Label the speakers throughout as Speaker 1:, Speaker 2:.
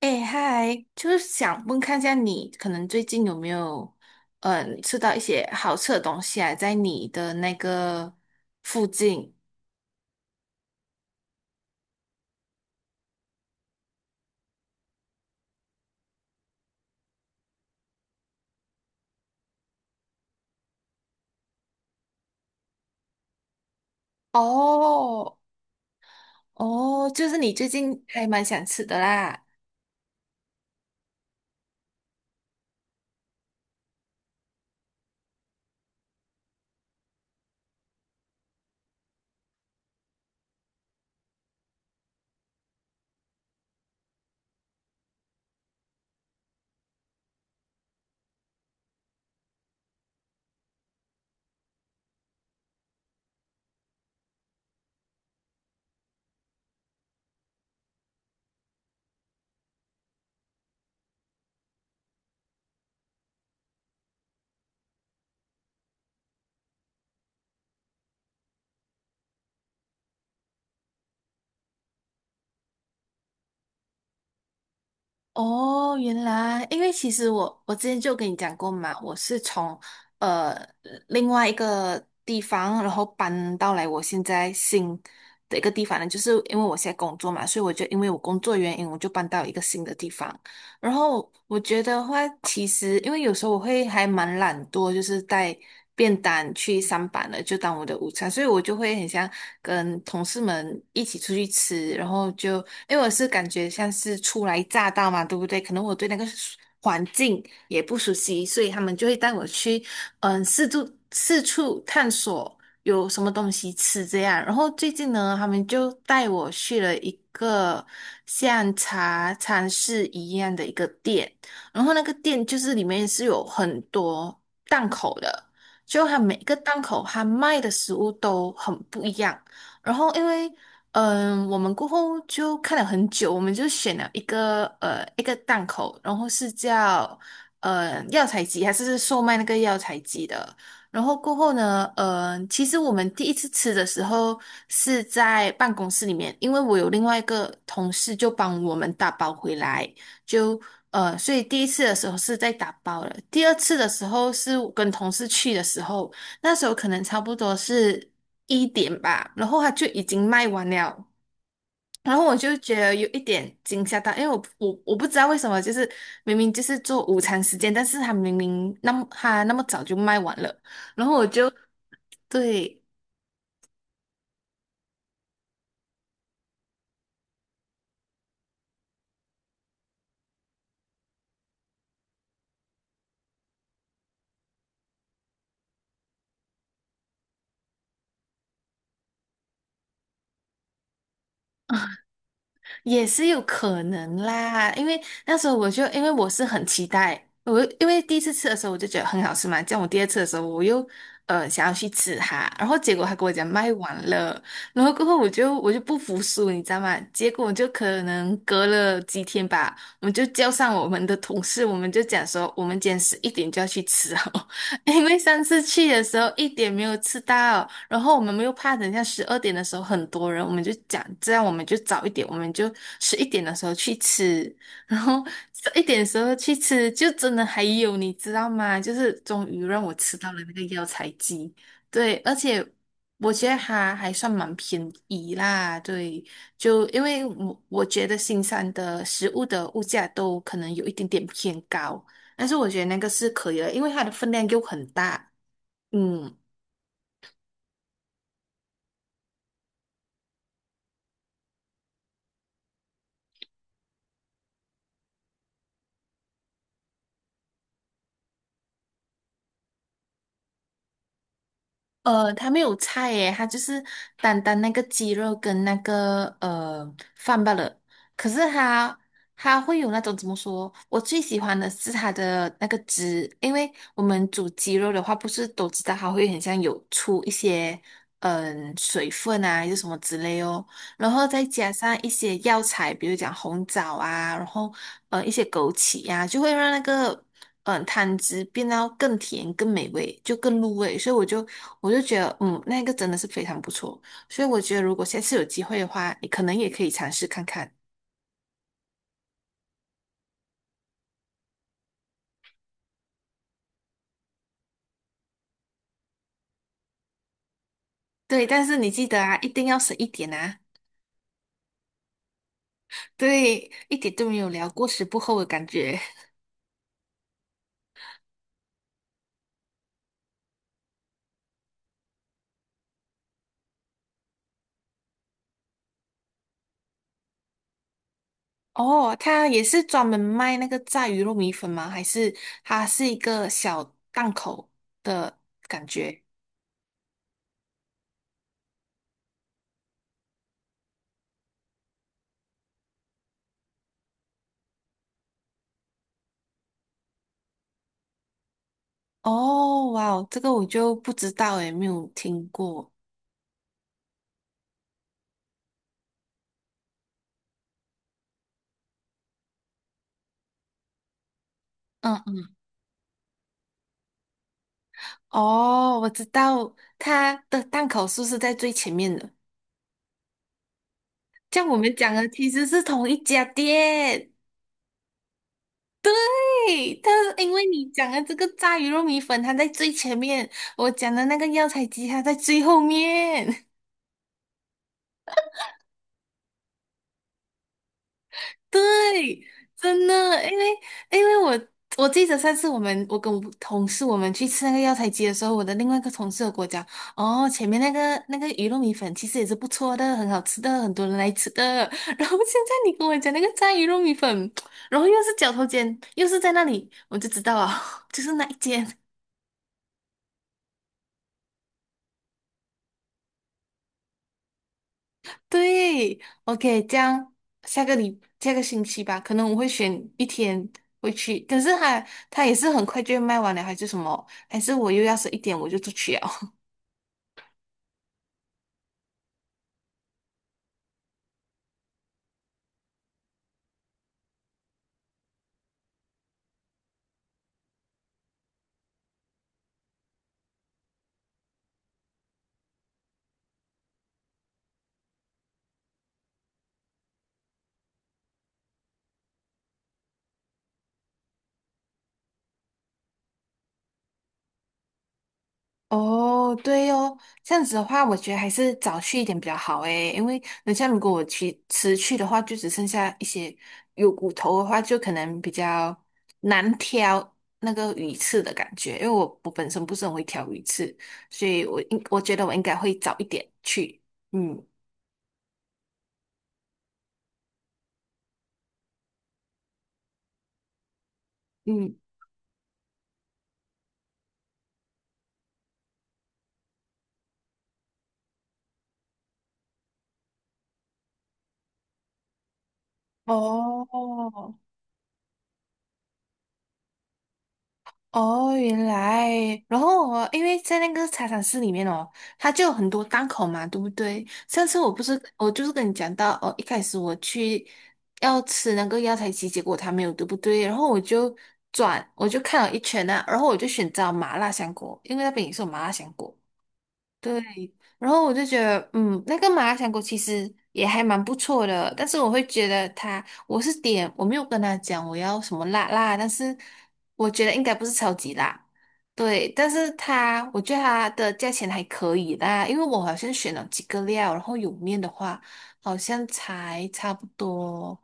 Speaker 1: 哎，嗨，就是想问看一下你，可能最近有没有，吃到一些好吃的东西啊，在你的那个附近？哦，哦，就是你最近还蛮想吃的啦。哦，原来，因为其实我之前就跟你讲过嘛，我是从呃另外一个地方，然后搬到来我现在新的一个地方呢，就是因为我现在工作嘛，所以我就因为我工作原因，我就搬到一个新的地方。然后我觉得话，其实因为有时候我会还蛮懒惰，就是带便当去上班了，就当我的午餐，所以我就会很想跟同事们一起出去吃，然后就因为我是感觉像是初来乍到嘛，对不对？可能我对那个环境也不熟悉，所以他们就会带我去四处探索。有什么东西吃这样。然后最近呢，他们就带我去了一个像茶餐室一样的一个店，然后那个店就是里面是有很多档口的，就它每个档口它卖的食物都很不一样。然后因为我们过后就看了很久，我们就选了一个档口，然后是叫药材鸡，还是售卖那个药材鸡的。然后过后呢，其实我们第一次吃的时候是在办公室里面，因为我有另外一个同事就帮我们打包回来，就所以第一次的时候是在打包了，第二次的时候是我跟同事去的时候，那时候可能差不多是一点吧，然后他就已经卖完了。然后我就觉得有一点惊吓到，因为我不知道为什么，就是明明就是做午餐时间，但是他明明那么他那么早就卖完了，然后我就对，也是有可能啦，因为那时候我就因为我是很期待，我因为第一次吃的时候我就觉得很好吃嘛，这样我第二次的时候我又想要去吃它，然后结果他跟我讲卖完了，然后过后我就不服输，你知道吗？结果就可能隔了几天吧，我们就叫上我们的同事，我们就讲说我们今天十一点就要去吃哦，因为上次去的时候1点没有吃到，然后我们又怕等一下12点的时候很多人，我们就讲这样我们就早一点，我们就十一点的时候去吃，然后11点的时候去吃，就真的还有你知道吗？就是终于让我吃到了那个药材鸡，对，而且我觉得它还算蛮便宜啦，对，就因为我觉得新山的食物的物价都可能有一点点偏高。但是我觉得那个是可以的，因为它的分量又很大。嗯，它没有菜耶，它就是单单那个鸡肉跟那个饭罢了。可是它它会有那种怎么说？我最喜欢的是它的那个汁，因为我们煮鸡肉的话，不是都知道它会很像有出一些水分啊，还是什么之类哦。然后再加上一些药材，比如讲红枣啊，然后一些枸杞呀、就会让那个汤汁变到更甜、更美味，就更入味。所以我就觉得，嗯，那个真的是非常不错。所以我觉得，如果下次有机会的话，你可能也可以尝试看看。对，但是你记得啊，一定要省一点啊。对，一点都没有聊过时不候的感觉。哦，他也是专门卖那个炸鱼肉米粉吗？还是它是一个小档口的感觉？哦，哇哦，这个我就不知道诶，没有听过。嗯嗯，哦，我知道它的档口是不是在最前面的？像我们讲的其实是同一家店。对，但是因为你讲的这个炸鱼肉米粉，它在最前面；我讲的那个药材鸡，它在最后面。对，真的，因为因为我记得上次我跟我同事我们去吃那个药材街的时候，我的另外一个同事有跟我讲，哦，前面那个鱼肉米粉其实也是不错的，很好吃的，很多人来吃的。然后现在你跟我讲那个炸鱼肉米粉，然后又是绞头尖，又是在那里，我就知道啊，就是那一间。对，OK，这样下个下个星期吧，可能我会选一天回去，可是它它也是很快就会卖完了，还是什么？还是我又要是一点我就出去了？哦，对哦，这样子的话，我觉得还是早去一点比较好诶，因为等下如果我去迟去的话，就只剩下一些有骨头的话，就可能比较难挑那个鱼刺的感觉，因为我本身不是很会挑鱼刺，所以我觉得我应该会早一点去，嗯。嗯，哦哦，原来，然后我因为在那个茶餐室里面哦，它就有很多档口嘛，对不对？上次我不是我就是跟你讲到哦，一开始我去要吃那个药材鸡，结果它没有，对不对？然后我就转，我就看了一圈啊，然后我就选择麻辣香锅，因为那边也是有麻辣香锅。对，然后我就觉得，嗯，那个麻辣香锅其实也还蛮不错的，但是我会觉得它，我是点，我没有跟他讲我要什么辣辣，但是我觉得应该不是超级辣，对，但是它，我觉得它的价钱还可以啦，因为我好像选了几个料，然后有面的话，好像才差不多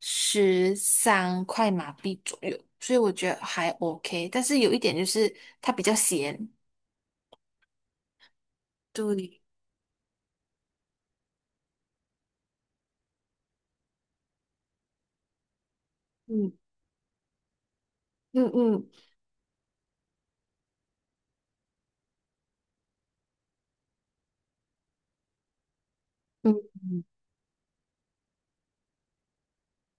Speaker 1: 13块马币左右，所以我觉得还 OK，但是有一点就是它比较咸，对。嗯。嗯嗯，嗯，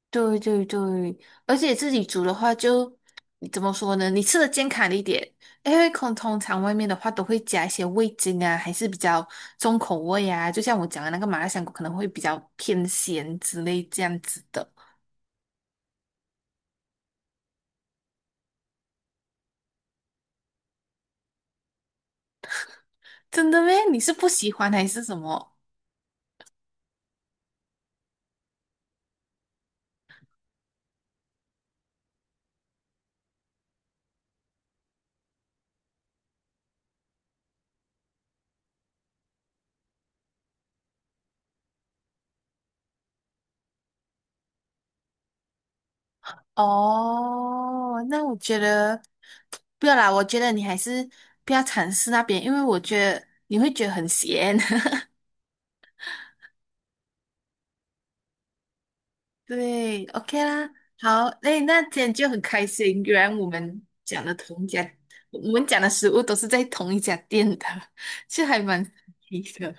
Speaker 1: 对对对，而且自己煮的话就，你怎么说呢？你吃的健康一点，因为可能通常外面的话都会加一些味精啊，还是比较重口味啊。就像我讲的那个麻辣香锅，可能会比较偏咸之类这样子的。真的咩？你是不喜欢还是什么？哦，那我觉得不要啦，我觉得你还是不要尝试那边，因为我觉得你会觉得很咸。对，OK 啦，好，哎，那今天就很开心，原来我们讲的同一家，我们讲的食物都是在同一家店的，这还蛮神奇的。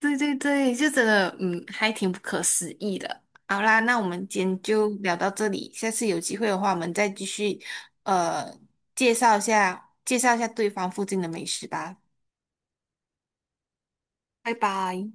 Speaker 1: 对对对，就真的，嗯，还挺不可思议的。好啦，那我们今天就聊到这里，下次有机会的话，我们再继续，呃，介绍一下对方附近的美食吧。拜拜。